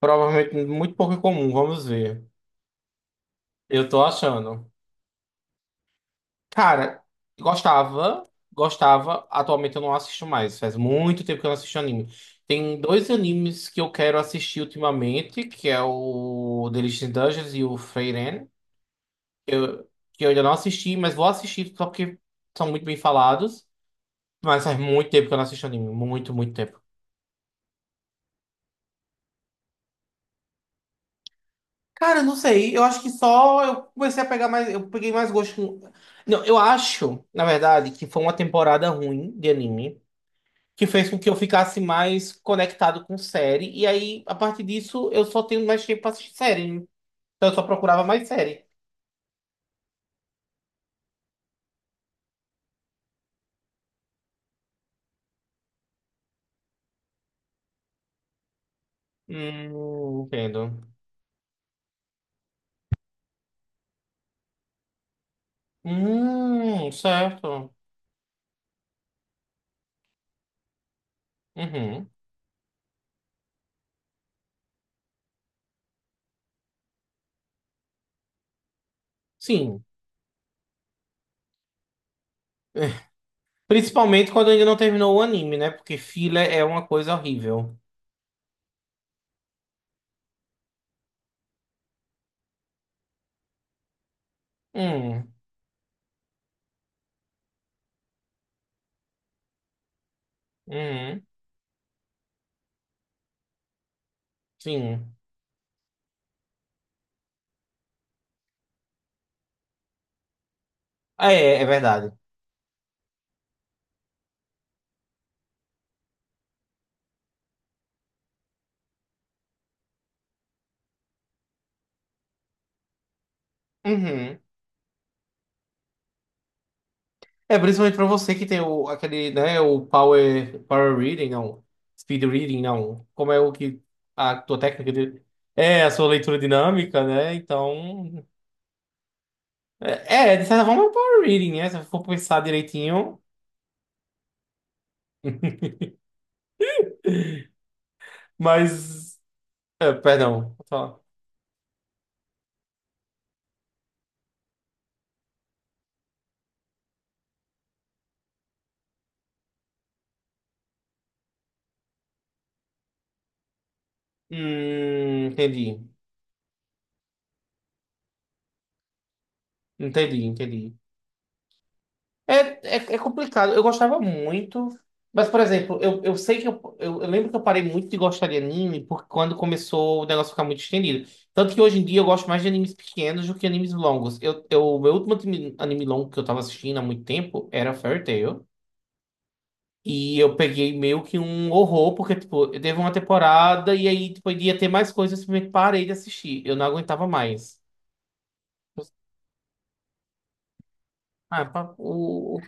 Provavelmente muito pouco comum, vamos ver. Eu tô achando. Cara, gostava, gostava. Atualmente eu não assisto mais. Faz muito tempo que eu não assisto anime. Tem dois animes que eu quero assistir ultimamente, que é o Delicious in Dungeons e o Frieren, que eu ainda não assisti, mas vou assistir só porque são muito bem falados. Mas faz muito tempo que eu não assisto anime. Muito, muito tempo. Cara, eu não sei. Eu acho que só eu comecei a pegar mais. Eu peguei mais gosto. Não, eu acho, na verdade, que foi uma temporada ruim de anime que fez com que eu ficasse mais conectado com série. E aí, a partir disso, eu só tenho mais tempo pra assistir série, né? Então, eu só procurava mais série. Entendo. Certo. Uhum. Sim. Principalmente quando ainda não terminou o anime, né? Porque filler é uma coisa horrível. Hum, uhum, sim. É, é verdade. Uhum. É, principalmente pra você que tem o, aquele, né, o power reading, não, speed reading, não, como é o que, a tua técnica de, é, a sua leitura dinâmica, né, então, é, é, de certa forma é um power reading, né, se eu for pensar direitinho, mas, é, perdão, vou falar. Hum, entendi, Entendi. É, é, é complicado. Eu gostava muito. Mas, por exemplo, eu sei que eu lembro que eu parei muito de gostar de anime porque quando começou o negócio ficar muito estendido. Tanto que hoje em dia eu gosto mais de animes pequenos do que animes longos. O meu último anime, anime longo que eu tava assistindo há muito tempo era Fairy Tail. E eu peguei meio que um horror, porque, tipo, eu teve uma temporada e aí, tipo, ia ter mais coisas, eu simplesmente parei de assistir. Eu não aguentava mais. Ah, pa- o,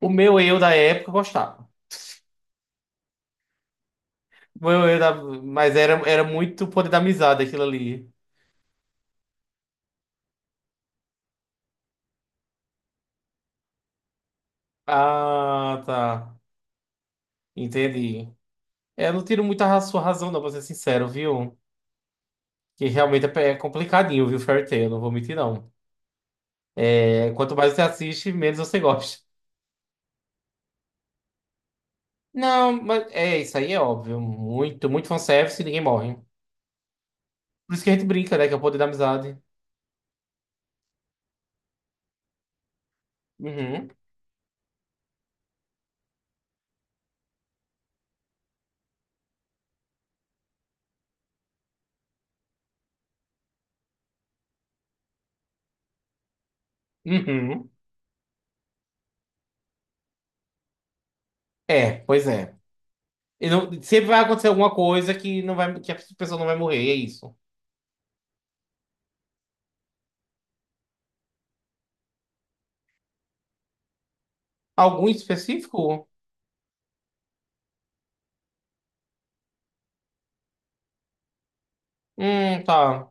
o meu eu da época gostava. Eu- eu da- Mas era, era muito poder da amizade aquilo ali. Ah, tá. Entendi. É, eu não tiro muito a sua razão, não, pra ser sincero, viu? Que realmente é complicadinho, viu, Fairy Tail? Não vou mentir, não. É, quanto mais você assiste, menos você gosta. Não, mas é, isso aí é óbvio. Muito, muito fanservice e ninguém morre. Por isso que a gente brinca, né? Que é o poder da amizade. Uhum. Uhum. É, pois é. Sempre vai acontecer alguma coisa que não vai, que a pessoa não vai morrer, é isso. Algum específico? Tá.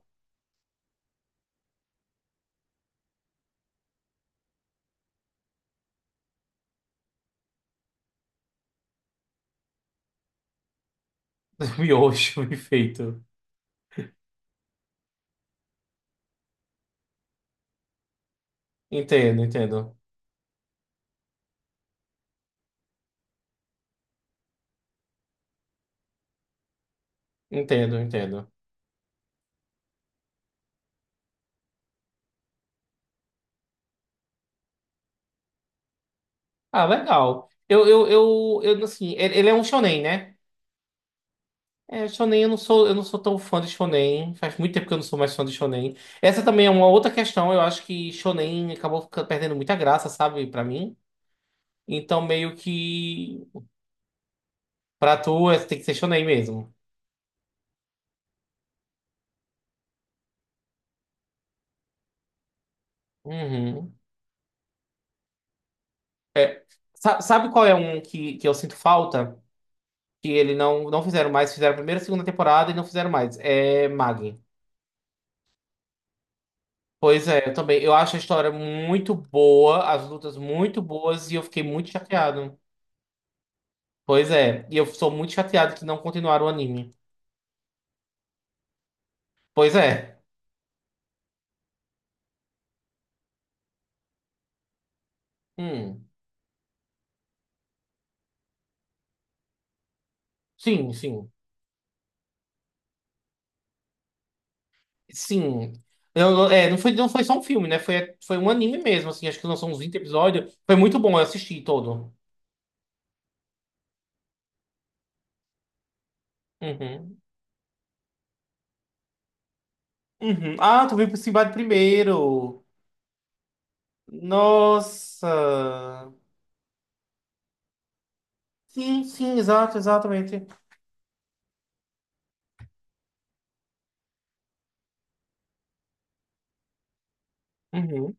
Miojo e feito. Entendo, entendo. Entendo, entendo. Ah, legal. Eu assim, ele é um shonen, né? É, shonen eu não sou tão fã de shonen. Faz muito tempo que eu não sou mais fã de shonen. Essa também é uma outra questão. Eu acho que shonen perdendo muita graça, sabe, pra mim. Então meio que tem que ser shonen mesmo. Uhum. É, sabe qual é um que eu sinto falta? Que ele não fizeram mais, fizeram a primeira e segunda temporada e não fizeram mais. É Mag. Pois é, eu também. Eu acho a história muito boa, as lutas muito boas, e eu fiquei muito chateado. Pois é, e eu sou muito chateado que não continuaram o anime. Pois é. Hum. Sim, sim. Sim. Não foi, não foi só um filme, né? Foi, foi um anime mesmo, assim. Acho que lançou uns 20 episódios. Foi muito bom, eu assisti todo. Uhum. Uhum. Ah, tu veio pro Sinbad primeiro. Nossa. Sim, sim, exato, exatamente. Uhum.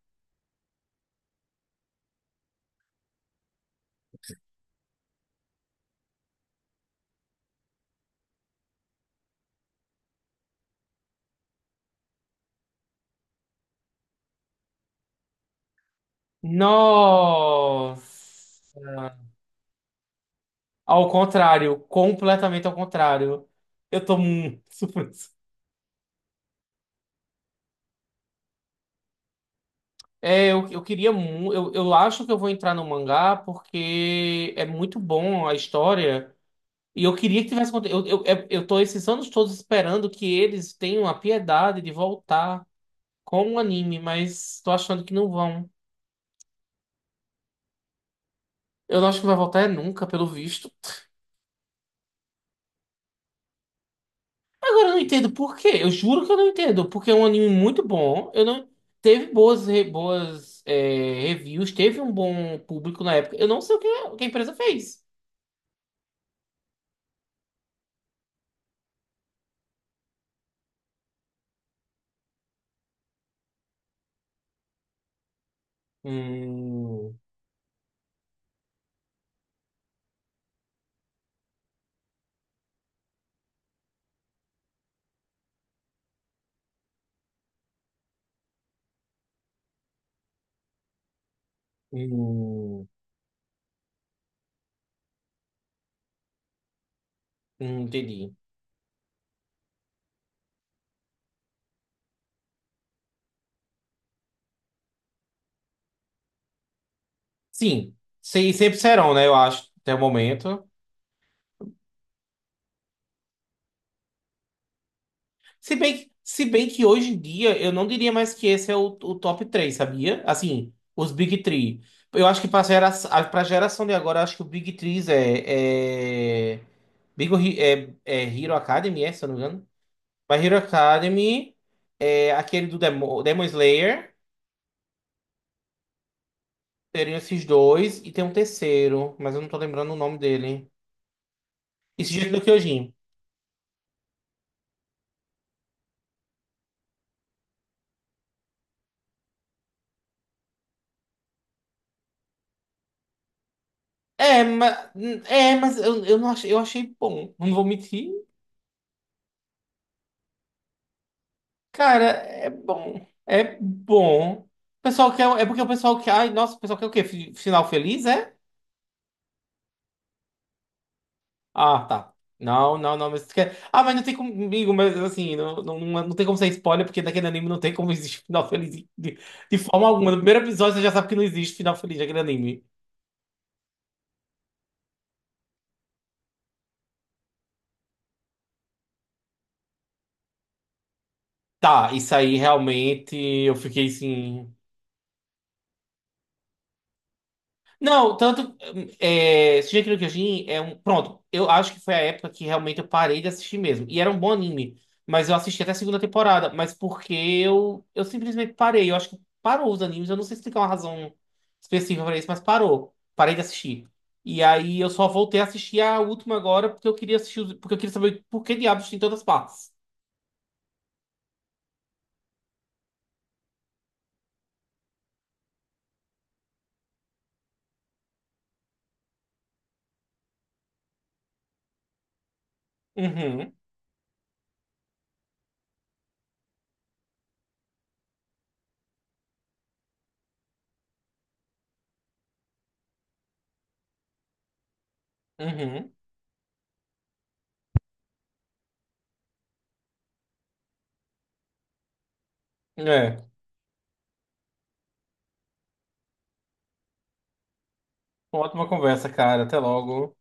Nossa. Ao contrário, completamente ao contrário. Eu tô muito preso. É, eu queria muito. Eu acho que eu vou entrar no mangá porque é muito bom a história. E eu queria que tivesse eu tô esses anos todos esperando que eles tenham a piedade de voltar com o anime, mas tô achando que não vão. Eu não acho que vai voltar é nunca, pelo visto. Agora eu não entendo por quê. Eu juro que eu não entendo. Porque é um anime muito bom. Eu não... Teve boas, é, reviews, teve um bom público na época. Eu não sei o que a empresa fez. Hum, hum, entendi. Sim, sempre serão, né? Eu acho, até o momento. Se bem se bem que hoje em dia eu não diria mais que esse é o top três, sabia? Assim, os Big Three. Eu acho que pra geração de agora, eu acho que o Big Three é, é, Big Hero, é, é Hero Academy, é, se eu não me engano. Mas Hero Academy, é aquele do Demon Slayer, teriam esses dois, e tem um terceiro, mas eu não tô lembrando o nome dele. Esse jeito do Kyojin. É, mas, é, mas não achei, eu achei bom, não vou mentir. Cara, é bom. É bom. O pessoal quer. É porque o pessoal quer. Ai, nossa, o pessoal quer o quê? Final feliz, é? Ah, tá. Não, não, não, mas tu quer. Ah, mas não tem comigo, mas assim, não, não, não, não tem como ser spoiler, porque daquele anime não tem como existir final feliz de, de forma alguma. No primeiro episódio você já sabe que não existe final feliz daquele anime. Tá, isso aí realmente eu fiquei assim. Não, tanto. Hum, é, Shingeki no Kyojin é um. Pronto, eu acho que foi a época que realmente eu parei de assistir mesmo. E era um bom anime. Mas eu assisti até a segunda temporada. Mas porque eu simplesmente parei. Eu acho que parou os animes. Eu não sei explicar uma razão específica pra isso, mas parou. Parei de assistir. E aí eu só voltei a assistir a última agora porque eu queria assistir porque eu queria saber por que diabos tem todas as partes. Uhum, uhum. É. Uma ótima conversa, cara. Até logo.